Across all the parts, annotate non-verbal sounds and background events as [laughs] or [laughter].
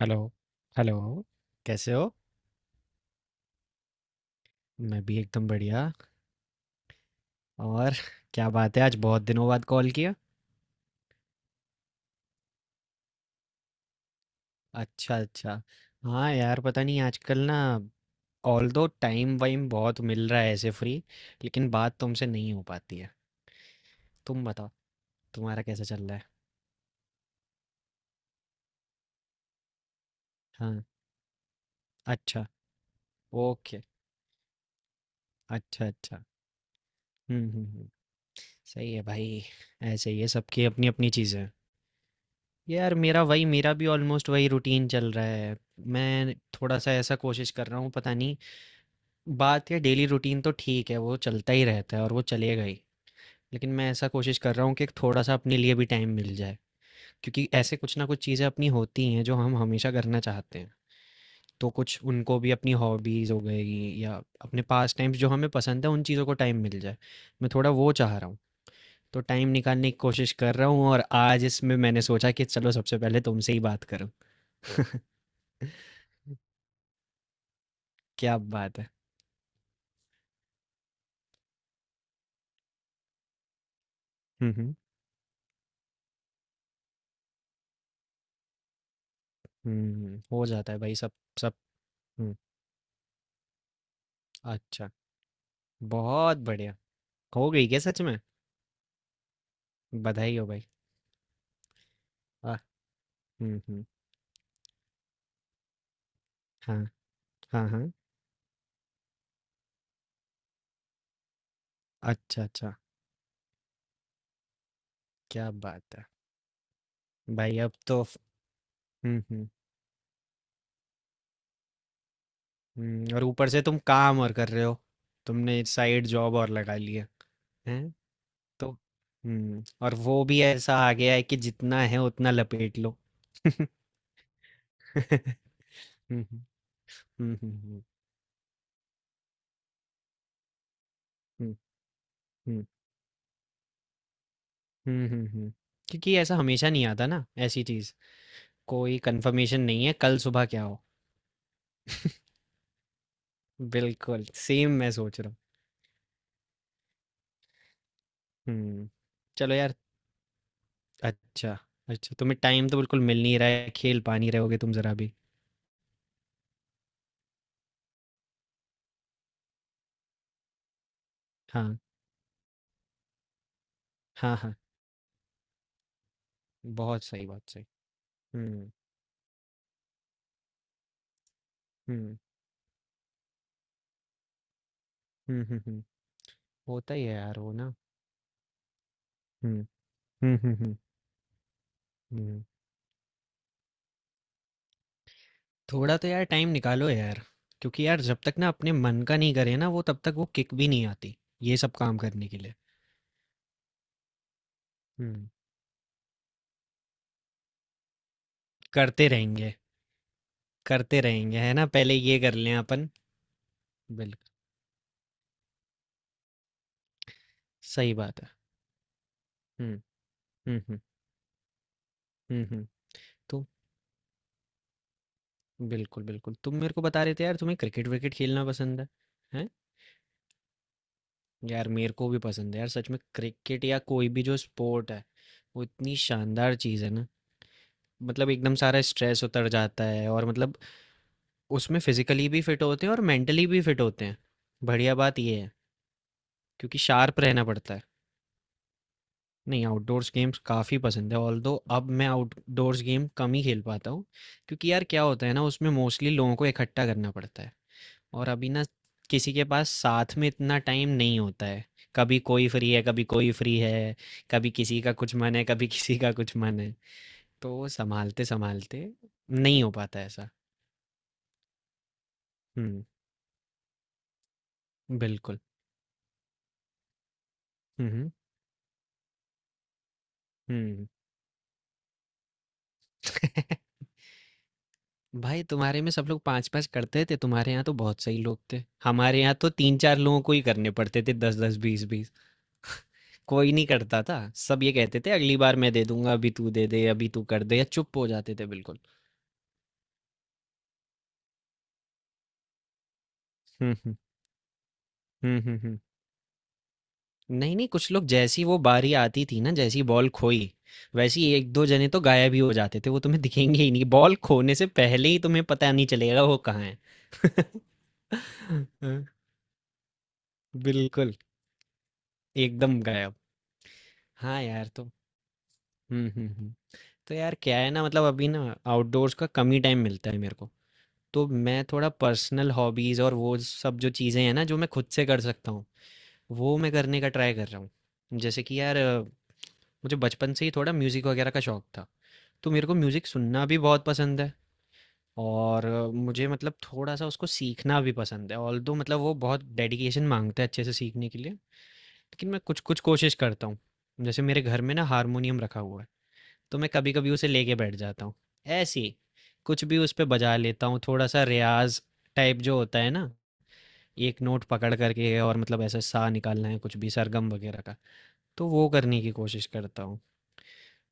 Hello. Hello. कैसे हो? मैं भी एकदम बढ़िया। और [laughs] क्या बात है, आज बहुत दिनों बाद कॉल किया। अच्छा, अच्छा। हाँ यार, पता नहीं आजकल ना, ऑल दो टाइम वाइम बहुत मिल रहा है ऐसे फ्री, लेकिन बात तुमसे नहीं हो पाती है। तुम बताओ, तुम्हारा कैसा चल रहा है? हाँ। अच्छा। ओके। अच्छा, अच्छा। हम्म, हम्म, हम्म। सही है भाई। ऐसे ही है, सबकी अपनी अपनी चीज़ें हैं। यार मेरा भी ऑलमोस्ट वही रूटीन चल रहा है। मैं थोड़ा सा ऐसा कोशिश कर रहा हूँ, पता नहीं। बात या डेली रूटीन तो ठीक है, वो चलता ही रहता है और वो चलेगा ही। लेकिन मैं ऐसा कोशिश कर रहा हूँ कि थोड़ा सा अपने लिए भी टाइम मिल जाए, क्योंकि ऐसे कुछ ना कुछ चीज़ें अपनी होती हैं जो हम हमेशा करना चाहते हैं। तो कुछ उनको भी, अपनी हॉबीज़ हो गई या अपने पास टाइम्स जो हमें पसंद है, उन चीज़ों को टाइम मिल जाए। मैं थोड़ा वो चाह रहा हूँ। तो टाइम निकालने की कोशिश कर रहा हूँ, और आज इसमें मैंने सोचा कि चलो सबसे पहले तुमसे ही बात करूँ। [laughs] क्या बात है। हम्म, हम्म, हम्म। हो जाता है भाई सब। सब। हम्म। अच्छा। बहुत बढ़िया। हो गई क्या सच में? बधाई हो भाई। आ, हम्म, हम्म। हाँ, हाँ। हाँ। अच्छा, अच्छा। क्या बात है? भाई अब तो, हम्म, हम्म, और ऊपर से तुम काम और कर रहे हो, तुमने साइड जॉब और लगा ली है? हैं? तो हम्म, और वो भी ऐसा आ गया है कि जितना है उतना लपेट लो। [laughs] हम्म, हम्म, हम्म, हम्म, हम्म, हम्म, क्योंकि ऐसा हमेशा नहीं आता ना ऐसी चीज, कोई कंफर्मेशन नहीं है कल सुबह क्या हो। बिल्कुल सेम मैं सोच रहा हूँ। हुँ। चलो यार। अच्छा। अच्छा, तुम्हें टाइम तो बिल्कुल मिल नहीं रहा है, खेल पा नहीं रहे होगे तुम ज़रा भी। हाँ, हाँ, हाँ, बहुत सही, बहुत सही। हुँ, हुँ, हुँ, हुँ, हुँ। होता ही है यार वो ना। हुँ, हुँ, हुँ, हुँ, हुँ। थोड़ा तो यार टाइम निकालो यार, क्योंकि यार जब तक ना अपने मन का नहीं करें ना वो, तब तक वो किक भी नहीं आती, ये सब काम करने के लिए। हुँ, करते रहेंगे, करते रहेंगे है ना, पहले ये कर लें अपन। बिल्कुल, सही बात है। हुँ, हुँ, हुँ, हुँ, हुँ। तो बिल्कुल, बिल्कुल। तुम मेरे को बता रहे थे यार, तुम्हें क्रिकेट-विकेट खेलना पसंद है, हैं? यार मेरे को भी पसंद है यार, सच में क्रिकेट या कोई भी जो स्पोर्ट है, वो इतनी शानदार चीज़ है ना, मतलब एकदम सारा स्ट्रेस उतर जाता है, और मतलब उसमें फिज़िकली भी फिट होते हैं और मेंटली भी फिट होते हैं। बढ़िया बात ये है, क्योंकि शार्प रहना पड़ता है। नहीं, आउटडोर्स गेम्स काफ़ी पसंद है, ऑल्दो अब मैं आउटडोर्स गेम कम ही खेल पाता हूँ, क्योंकि यार क्या होता है ना, उसमें मोस्टली लोगों को इकट्ठा करना पड़ता है। और अभी ना किसी के पास साथ में इतना टाइम नहीं होता है, कभी कोई फ्री है कभी कोई फ्री है, कभी किसी का कुछ मन है, कभी [laughs] किसी का कुछ मन है, तो वो संभालते संभालते नहीं हो पाता ऐसा। हम्म। बिल्कुल। हम्म, हम्म। [laughs] भाई, तुम्हारे में सब लोग पाँच पाँच करते थे? तुम्हारे यहाँ तो बहुत सही लोग थे, हमारे यहाँ तो तीन चार लोगों को ही करने पड़ते थे दस दस बीस बीस। [laughs] कोई नहीं करता था, सब ये कहते थे अगली बार मैं दे दूंगा, अभी तू दे दे, अभी तू कर दे, या चुप हो जाते थे बिल्कुल। हम्म, हम्म, हम्म, हम्म। नहीं, नहीं, कुछ लोग जैसी वो बारी आती थी ना, जैसी बॉल खोई, वैसे ही 1-2 जने तो गायब ही हो जाते थे, वो तुम्हें [laughs] दिखेंगे ही नहीं, बॉल खोने से पहले ही तुम्हें पता नहीं चलेगा वो कहाँ है। [laughs] हाँ, बिल्कुल, एकदम गायब। हाँ यार, तो हुँ, हुँ, हुँ। तो यार क्या है ना, मतलब अभी ना आउटडोर्स का कम ही टाइम मिलता है मेरे को, तो मैं थोड़ा पर्सनल हॉबीज़ और वो सब जो चीज़ें हैं ना, जो मैं खुद से कर सकता हूँ, वो मैं करने का ट्राई कर रहा हूँ। जैसे कि यार मुझे बचपन से ही थोड़ा म्यूज़िक वगैरह का शौक था। तो मेरे को म्यूज़िक सुनना भी बहुत पसंद है, और मुझे मतलब थोड़ा-सा उसको सीखना भी पसंद है। ऑल्दो मतलब वो बहुत डेडिकेशन माँगता है अच्छे से सीखने के लिए, लेकिन मैं कुछ-कुछ कोशिश करता हूँ। जैसे मेरे घर में ना हारमोनियम रखा हुआ है, तो मैं कभी-कभी उसे लेके बैठ जाता हूँ। ऐसे ही, कुछ भी उस पे बजा लेता हूँ, थोड़ा-सा रियाज़ टाइप जो होता है ना, एक नोट पकड़ करके, और मतलब ऐसे सा निकालना है कुछ भी सरगम वगैरह का, तो वो करने की कोशिश करता हूँ।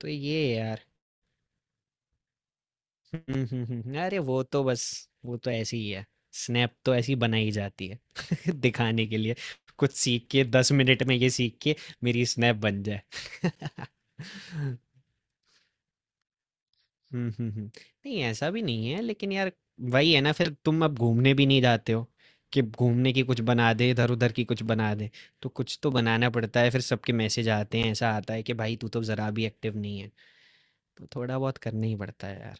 तो ये है यार। हुँ, हुँ, हुँ, हुँ। अरे वो तो ऐसी ही है। स्नैप तो ऐसी बनाई जाती है [laughs] दिखाने के लिए। कुछ सीख के 10 मिनट में ये सीख के मेरी स्नैप बन जाए। [laughs] हुँ, हुँ, हुँ। नहीं, ऐसा भी नहीं है लेकिन यार, वही है ना, फिर तुम अब घूमने भी नहीं जाते हो कि घूमने की कुछ बना दे, इधर-उधर की कुछ बना दे। तो कुछ तो बनाना पड़ता है, फिर सबके मैसेज आते हैं, ऐसा आता है कि भाई तू तो ज़रा भी एक्टिव नहीं है। तो थोड़ा बहुत करना ही पड़ता है यार।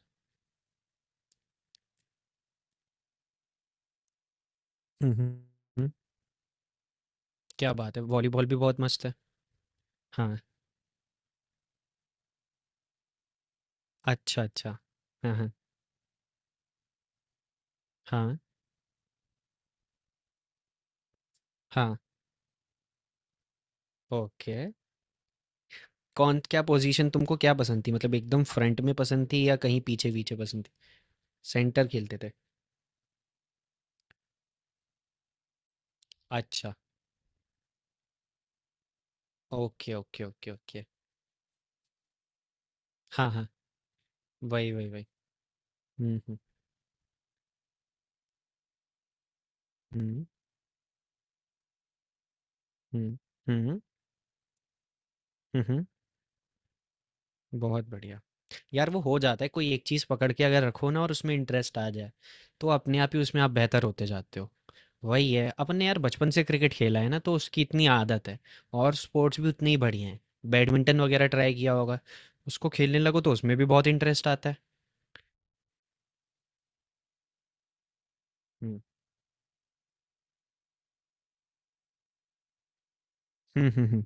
हुँ, हुँ, हुँ। क्या बात है! वॉलीबॉल भी बहुत मस्त है। हाँ, अच्छा, अच्छा। हाँ, हाँ। हाँ, हाँ, ओके। कौन क्या पोज़ीशन तुमको क्या पसंद थी? मतलब एकदम फ्रंट में पसंद थी, या कहीं पीछे-पीछे पसंद थी? सेंटर खेलते थे? अच्छा, ओके, ओके, ओके, ओके। हाँ, हाँ। वही, वही, वही। हुँ, हुँ। हुँ, हुँ। हुँ, हुँ। हुँ, हुँ। बहुत बढ़िया। यार वो हो जाता है, कोई एक चीज़ पकड़ के अगर रखो ना और उसमें इंटरेस्ट आ जाए, तो अपने आप ही उसमें आप बेहतर होते जाते हो। वही है, अपन ने यार बचपन से क्रिकेट खेला है ना, तो उसकी इतनी आदत है। और स्पोर्ट्स भी उतनी ही बढ़िया हैं, बैडमिंटन वगैरह ट्राई किया होगा, उसको खेलने लगो तो उसमें भी बहुत इंटरेस्ट आता है। हम्म, हम्म, हम्म, हम्म,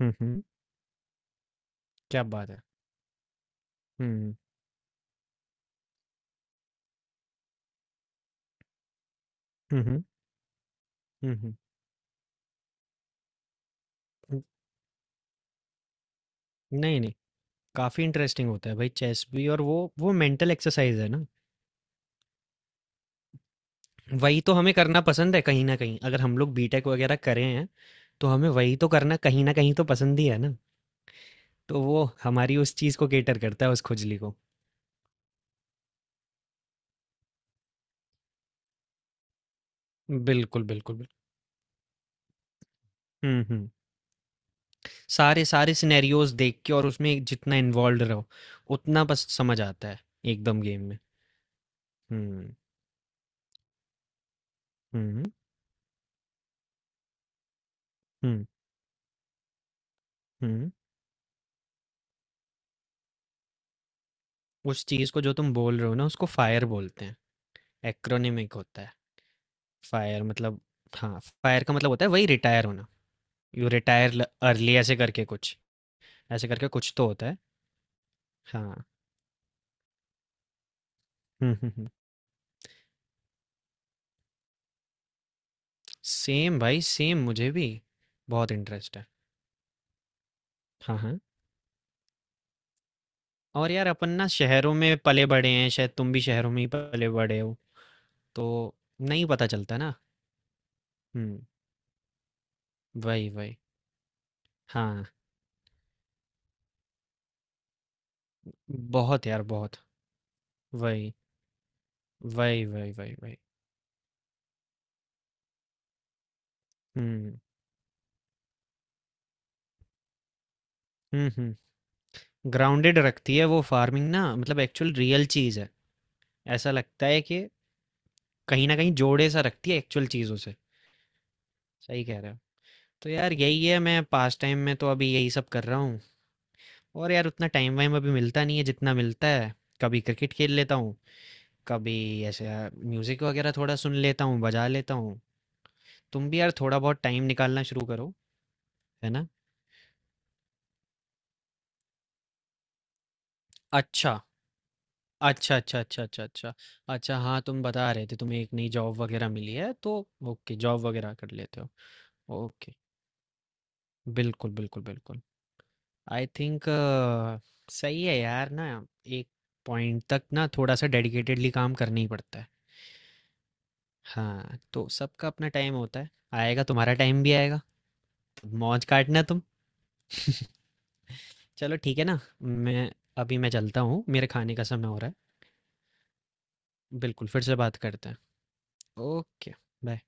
हम्म, हम्म, क्या बात है। हम्म, हम्म, हम्म, हम्म, हम्म। नहीं, नहीं, काफ़ी इंटरेस्टिंग होता है भाई चेस भी, और वो मेंटल एक्सरसाइज है ना। वही तो हमें करना पसंद है कहीं ना कहीं, अगर हम लोग बीटेक वगैरह करे हैं, तो हमें वही तो करना कहीं ना कहीं तो पसंद ही है ना, तो वो हमारी उस चीज़ को केटर करता है, उस खुजली को। बिल्कुल, बिल्कुल, बिल्कुल। हम्म, हम्म। सारे सारे सिनेरियोज देख के, और उसमें जितना इन्वॉल्व रहो, उतना बस समझ आता है एकदम गेम में। हम्म, हम्म, हम्म, हम्म। उस चीज़ को जो तुम बोल रहे हो ना, उसको फायर बोलते हैं, एक्रोनिमिक होता है। फायर मतलब, हाँ, फायर का मतलब होता है वही रिटायर होना। यू रिटायर अर्ली, ऐसे करके कुछ, ऐसे करके कुछ तो होता है। हाँ। हम्म, हम्म, हम्म। सेम भाई सेम, मुझे भी बहुत इंटरेस्ट है। हाँ, हाँ। और यार, अपन ना शहरों में पले बड़े हैं, शायद तुम भी शहरों में ही पले बड़े हो, तो नहीं पता चलता ना। हम्म। वही, वही। हाँ, बहुत यार बहुत। वही, वही, वही, वही, वही। हम्म, हम्म, हम्म। ग्राउंडेड रखती है वो फार्मिंग ना, मतलब एक्चुअल रियल चीज़ है, ऐसा लगता है कि कहीं ना कहीं जोड़े सा रखती है एक्चुअल चीज़ों से। सही कह रहे हो। तो यार यही है, मैं पास टाइम में तो अभी यही सब कर रहा हूँ, और यार उतना टाइम वाइम अभी मिलता नहीं है, जितना मिलता है कभी क्रिकेट खेल लेता हूँ, कभी ऐसे यार म्यूजिक वगैरह थोड़ा सुन लेता हूँ, बजा लेता हूँ। तुम भी यार थोड़ा बहुत टाइम निकालना शुरू करो, है ना। अच्छा, अच्छा, अच्छा, अच्छा, अच्छा, अच्छा, अच्छा। हाँ, तुम बता रहे थे तुम्हें एक नई जॉब वगैरह मिली है, तो ओके, जॉब वगैरह कर लेते हो। ओके, बिल्कुल, बिल्कुल, बिल्कुल। आई थिंक सही है यार ना, एक पॉइंट तक ना थोड़ा सा डेडिकेटेडली काम करना ही पड़ता है। हाँ, तो सबका अपना टाइम होता है, आएगा, तुम्हारा टाइम भी आएगा। मौज काटना तुम। [laughs] चलो ठीक है ना। मैं अभी मैं चलता हूँ, मेरे खाने का समय हो रहा है। बिल्कुल, फिर से बात करते हैं। ओके। बाय।